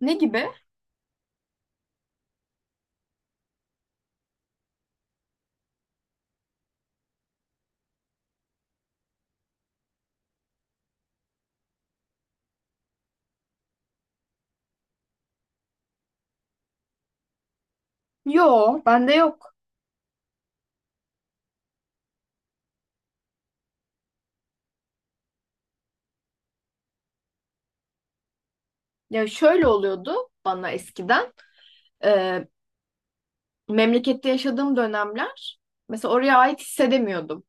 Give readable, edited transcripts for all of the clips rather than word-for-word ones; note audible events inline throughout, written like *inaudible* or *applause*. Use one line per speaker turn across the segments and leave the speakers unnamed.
Ne gibi? Yo, bende yok. Ya şöyle oluyordu bana eskiden. Ee, memlekette yaşadığım dönemler mesela oraya ait hissedemiyordum.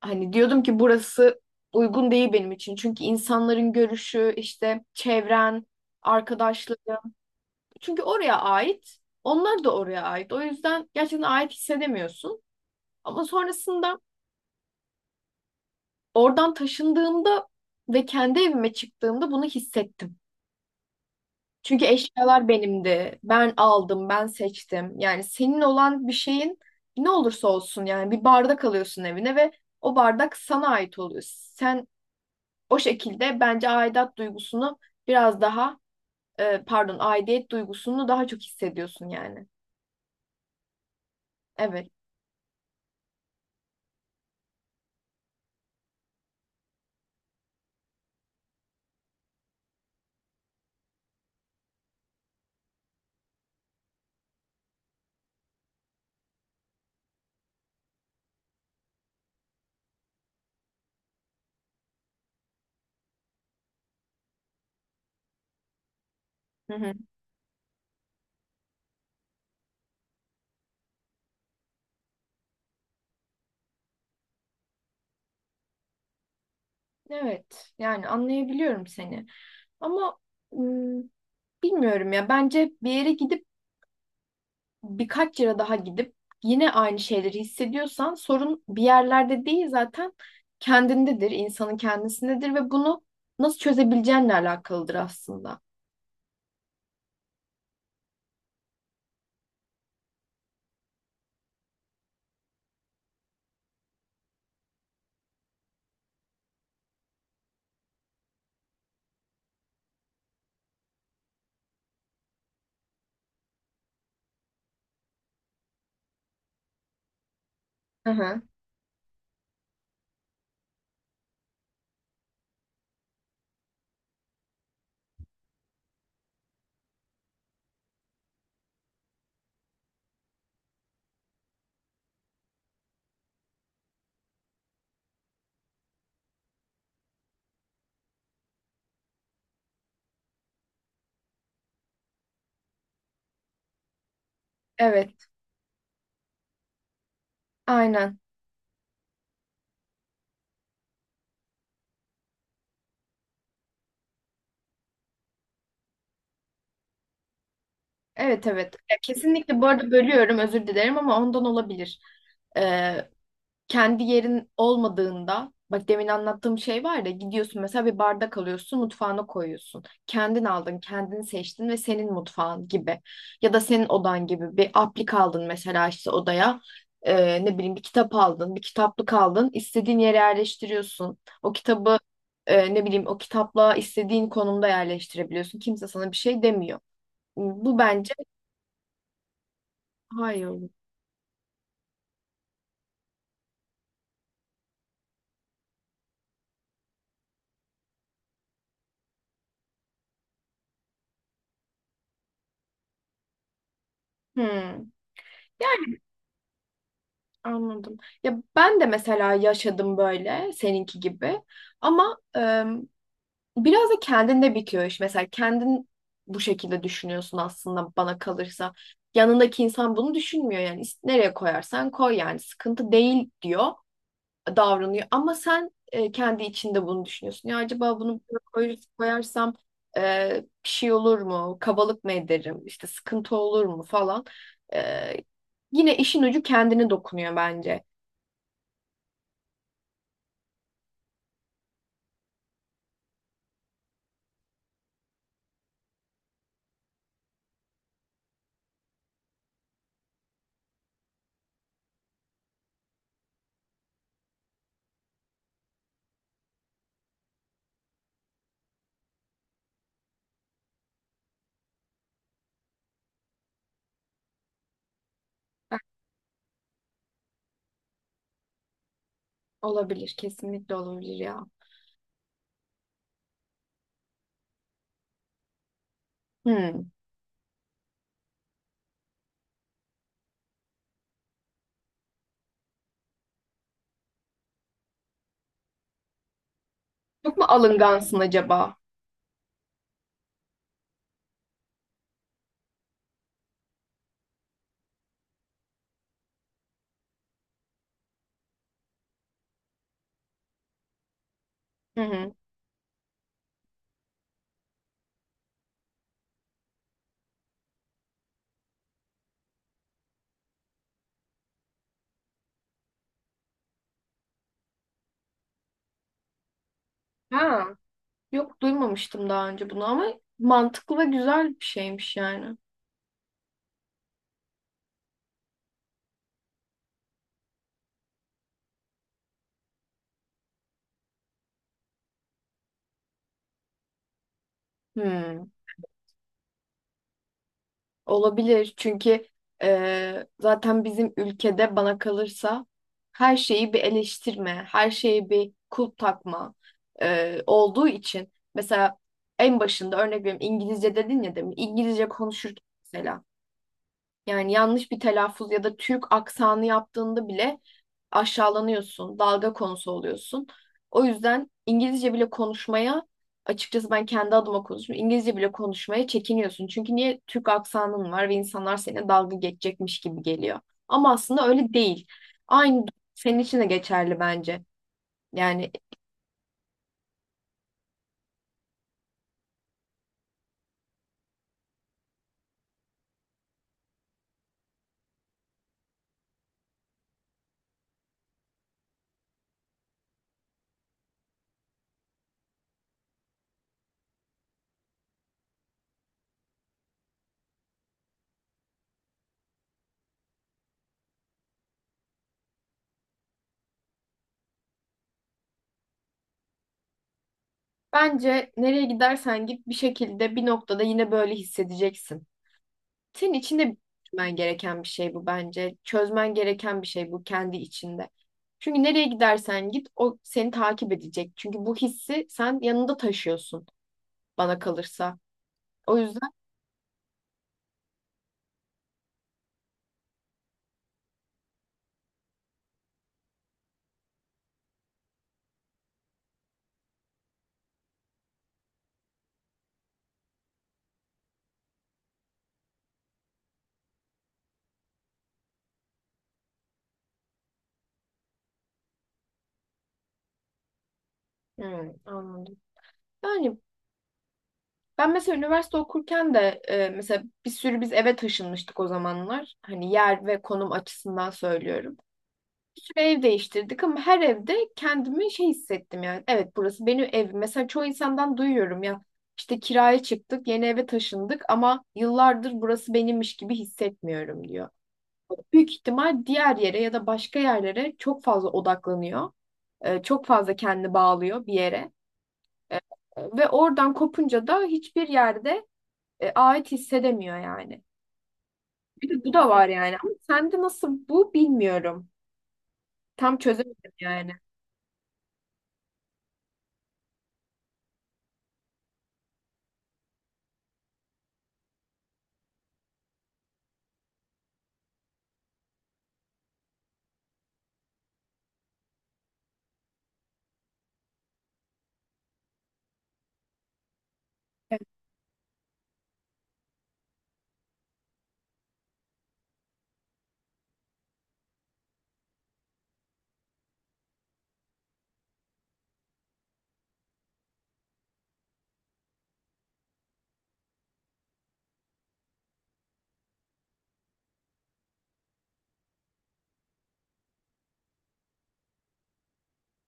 Hani diyordum ki burası uygun değil benim için. Çünkü insanların görüşü, işte çevren, arkadaşları. Çünkü oraya ait, onlar da oraya ait. O yüzden gerçekten ait hissedemiyorsun. Ama sonrasında oradan taşındığımda ve kendi evime çıktığımda bunu hissettim. Çünkü eşyalar benimdi. Ben aldım, ben seçtim. Yani senin olan bir şeyin ne olursa olsun yani bir bardak alıyorsun evine ve o bardak sana ait oluyor. Sen o şekilde bence aidat duygusunu biraz daha pardon, aidiyet duygusunu daha çok hissediyorsun yani. Evet. Hı hı. Evet. Yani anlayabiliyorum seni. Ama ım, bilmiyorum ya. Bence bir yere gidip birkaç yere daha gidip yine aynı şeyleri hissediyorsan sorun bir yerlerde değil zaten kendindedir, insanın kendisindedir ve bunu nasıl çözebileceğinle alakalıdır aslında. Hı hı. Evet, aynen. Evet, evet. Ya kesinlikle, bu arada bölüyorum, özür dilerim ama ondan olabilir. Ee, kendi yerin olmadığında, bak demin anlattığım şey var ya, gidiyorsun mesela bir bardak alıyorsun, mutfağına koyuyorsun. Kendin aldın, kendini seçtin ve senin mutfağın gibi. Ya da senin odan gibi bir aplik aldın mesela işte odaya. Ne bileyim, bir kitap aldın, bir kitaplık aldın, istediğin yere yerleştiriyorsun. O kitabı, ne bileyim, o kitapla istediğin konumda yerleştirebiliyorsun. Kimse sana bir şey demiyor. Bu bence hayır. Hmm. Anladım. Ya ben de mesela yaşadım böyle seninki gibi. Ama biraz da kendinde bitiyor iş. Mesela kendin bu şekilde düşünüyorsun aslında, bana kalırsa. Yanındaki insan bunu düşünmüyor yani. Nereye koyarsan koy yani, sıkıntı değil diyor, davranıyor. Ama sen kendi içinde bunu düşünüyorsun. Ya acaba bunu buraya koyarsam bir şey olur mu? Kabalık mı ederim? İşte sıkıntı olur mu falan. E, yine işin ucu kendine dokunuyor bence. Bak, olabilir, kesinlikle olabilir ya. Hmm. Çok mu alıngansın acaba? Hı hı. Ha. Yok, duymamıştım daha önce bunu ama mantıklı ve güzel bir şeymiş yani. Hmm, olabilir çünkü zaten bizim ülkede, bana kalırsa, her şeyi bir eleştirme, her şeyi bir kulp takma olduğu için. Mesela en başında örnek veriyorum, İngilizce dedin ya demin, İngilizce konuşurken mesela yani yanlış bir telaffuz ya da Türk aksanı yaptığında bile aşağılanıyorsun, dalga konusu oluyorsun. O yüzden İngilizce bile konuşmaya, açıkçası ben kendi adıma konuşuyorum, İngilizce bile konuşmaya çekiniyorsun. Çünkü niye, Türk aksanın var ve insanlar seninle dalga geçecekmiş gibi geliyor. Ama aslında öyle değil. Aynı senin için de geçerli bence. Yani bence nereye gidersen git, bir şekilde bir noktada yine böyle hissedeceksin. Senin içinde çözmen gereken bir şey bu bence. Çözmen gereken bir şey bu, kendi içinde. Çünkü nereye gidersen git, o seni takip edecek. Çünkü bu hissi sen yanında taşıyorsun, bana kalırsa. O yüzden. Hmm, anladım. Yani ben mesela üniversite okurken de, mesela bir sürü biz eve taşınmıştık o zamanlar. Hani yer ve konum açısından söylüyorum. Bir sürü ev değiştirdik ama her evde kendimi şey hissettim yani. Evet, burası benim evim. Mesela çoğu insandan duyuyorum ya, işte kiraya çıktık, yeni eve taşındık ama yıllardır burası benimmiş gibi hissetmiyorum diyor. Büyük ihtimal diğer yere ya da başka yerlere çok fazla odaklanıyor. Çok fazla kendini bağlıyor bir yere. Ee, Ve oradan kopunca da hiçbir yerde ait hissedemiyor yani. Bir de bu da var yani. Ama sende nasıl bu, bilmiyorum. Tam çözemedim yani.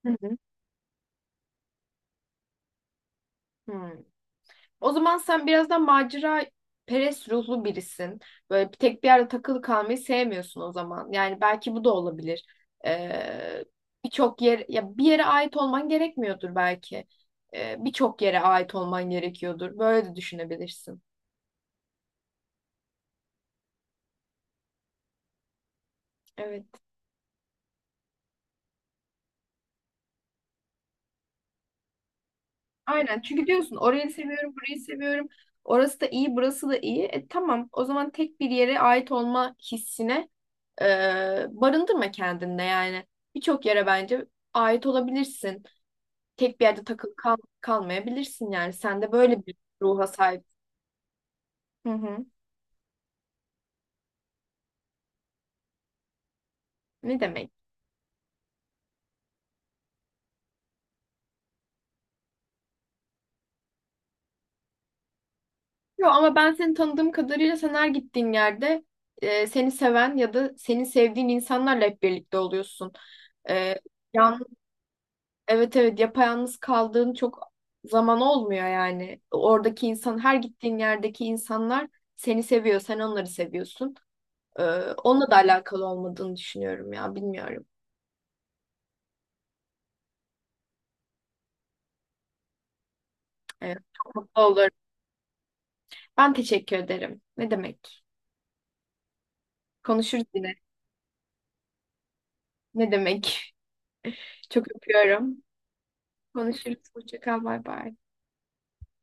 Hı hı. Hı. O zaman sen biraz da macera perest ruhlu birisin. Böyle bir tek bir yerde takılı kalmayı sevmiyorsun o zaman. Yani belki bu da olabilir. Ee, birçok yer, ya bir yere ait olman gerekmiyordur belki. Birçok yere ait olman gerekiyordur. Böyle de düşünebilirsin. Evet. Aynen. Çünkü diyorsun orayı seviyorum, burayı seviyorum. Orası da iyi, burası da iyi. E, tamam. O zaman tek bir yere ait olma hissine e, barındırma kendinde yani. Birçok yere bence ait olabilirsin. Tek bir yerde takılı kalmayabilirsin yani. Sen de böyle bir ruha sahip. Hı hı. Ne demek? Yo, ama ben seni tanıdığım kadarıyla, sen her gittiğin yerde seni seven ya da seni sevdiğin insanlarla hep birlikte oluyorsun. E, yan, evet, evet, yapayalnız kaldığın çok zaman olmuyor yani. Oradaki insan, her gittiğin yerdeki insanlar seni seviyor. Sen onları seviyorsun. E, onunla da alakalı olmadığını düşünüyorum ya, bilmiyorum. Evet, çok mutlu olurum. Ben teşekkür ederim. Ne demek? Konuşuruz yine. Ne demek? *laughs* Çok öpüyorum. Konuşuruz. Hoşça kal. Bay bay.